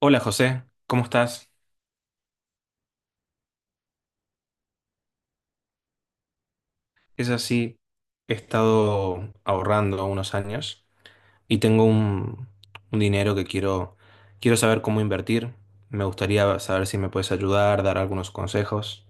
Hola José, ¿cómo estás? Es así, he estado ahorrando unos años y tengo un dinero que quiero saber cómo invertir. Me gustaría saber si me puedes ayudar, dar algunos consejos.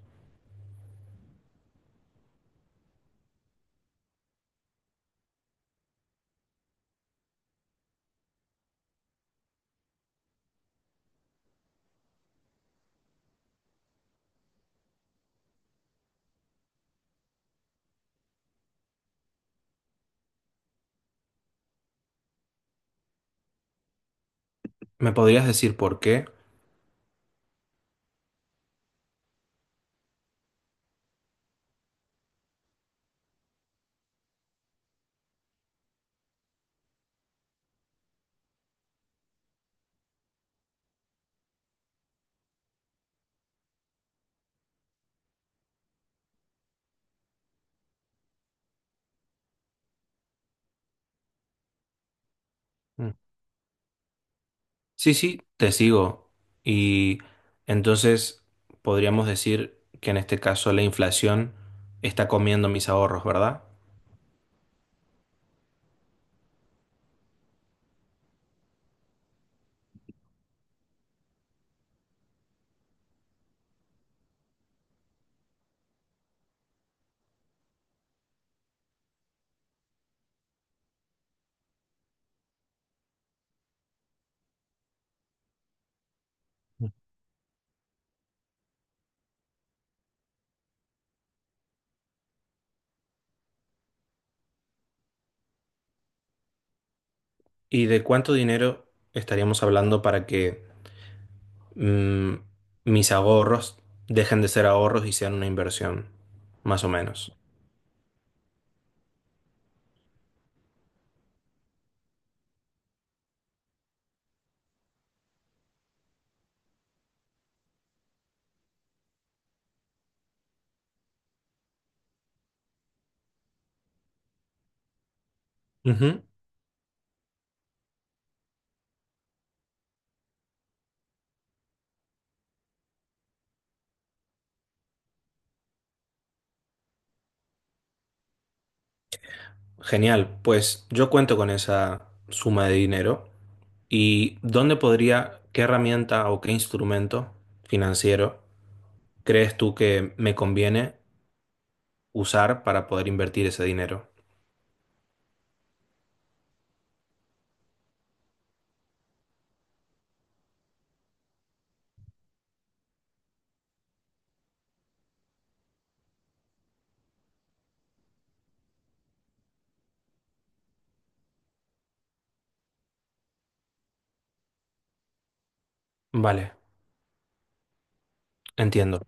¿Me podrías decir por qué? Mm. Sí, sí, te sigo. Y entonces podríamos decir que en este caso la inflación está comiendo mis ahorros, ¿verdad? ¿Y de cuánto dinero estaríamos hablando para que mm, mis ahorros dejen de ser ahorros y sean una inversión, más o menos? Ujú. Genial, pues yo cuento con esa suma de dinero. ¿Y dónde podría, qué herramienta o qué instrumento financiero crees tú que me conviene usar para poder invertir ese dinero? Vale, entiendo.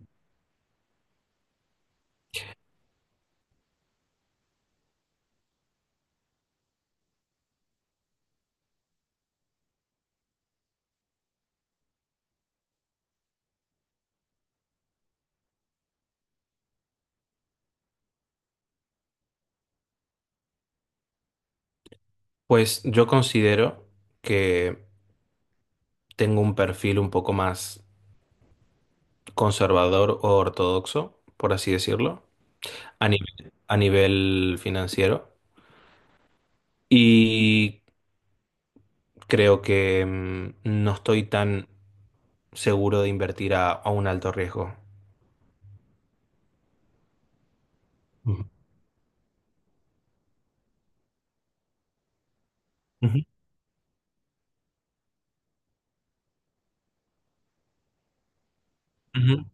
Pues yo considero que tengo un perfil un poco más conservador o ortodoxo, por así decirlo. A nivel financiero. Y creo que no estoy tan seguro de invertir a un alto riesgo. Ujú. Ujú, ujú,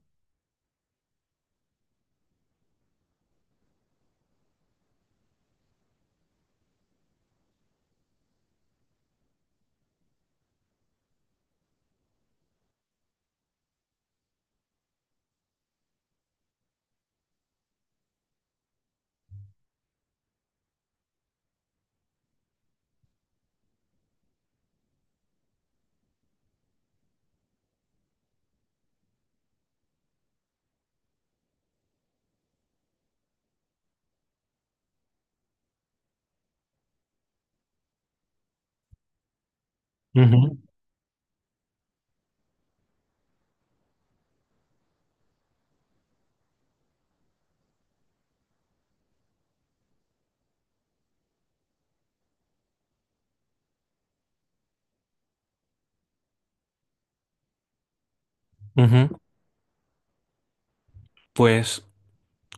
ujú, ujú. Pues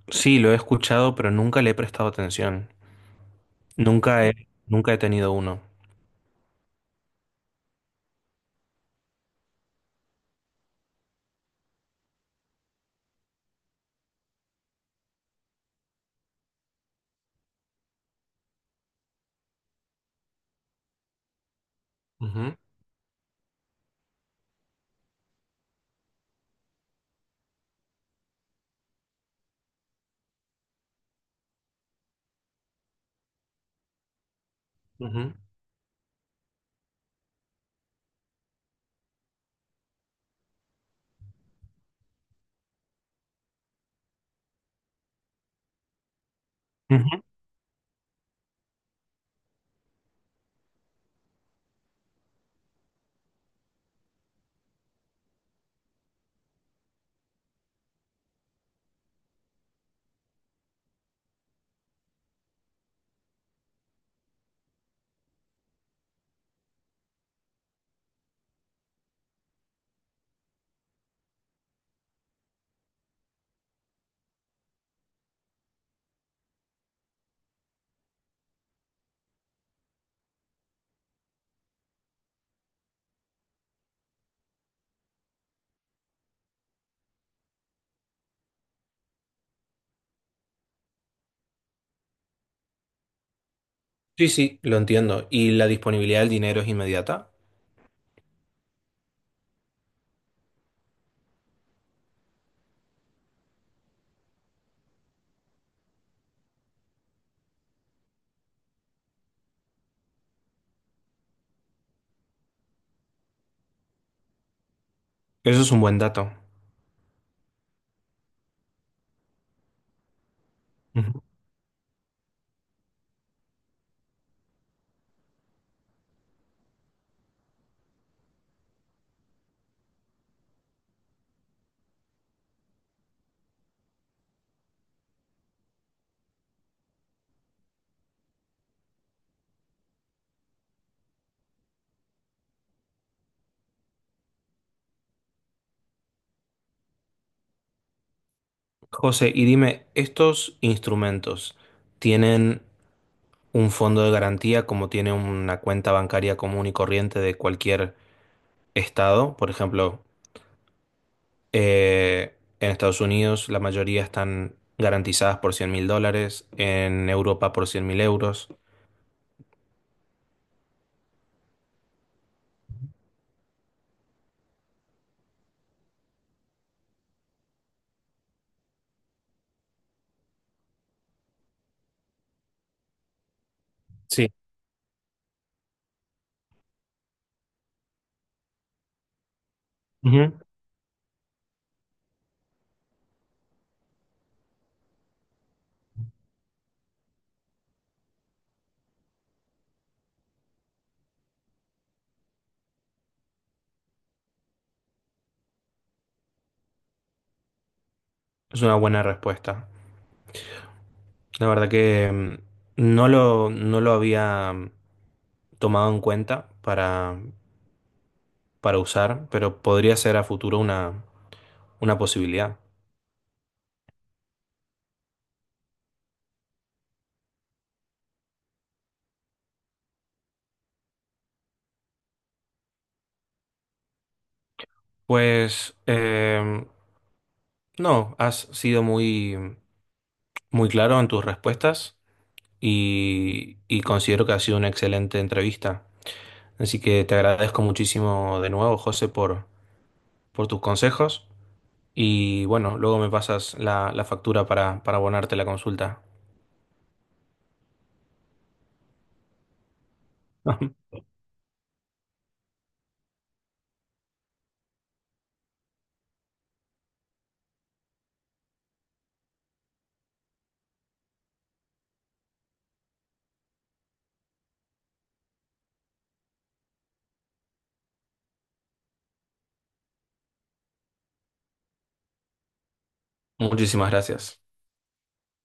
sí, lo he escuchado, pero nunca le he prestado atención. Nunca he tenido uno. Ujú, ujú, ujú. Sí, sí, lo entiendo. ¿Y la disponibilidad del dinero es inmediata? Eso es un buen dato. Ujú. José, y dime, ¿estos instrumentos tienen un fondo de garantía como tiene una cuenta bancaria común y corriente de cualquier estado? Por ejemplo, en Estados Unidos la mayoría están garantizadas por $100,000, en Europa por 100 mil euros. Sí. Ujú. Es una buena respuesta. La verdad que no lo había tomado en cuenta para usar, pero podría ser a futuro una posibilidad. Pues no, has sido muy muy claro en tus respuestas y considero que ha sido una excelente entrevista. Así que te agradezco muchísimo de nuevo, José, por tus consejos y bueno, luego me pasas la factura para abonarte la consulta. Muchísimas gracias.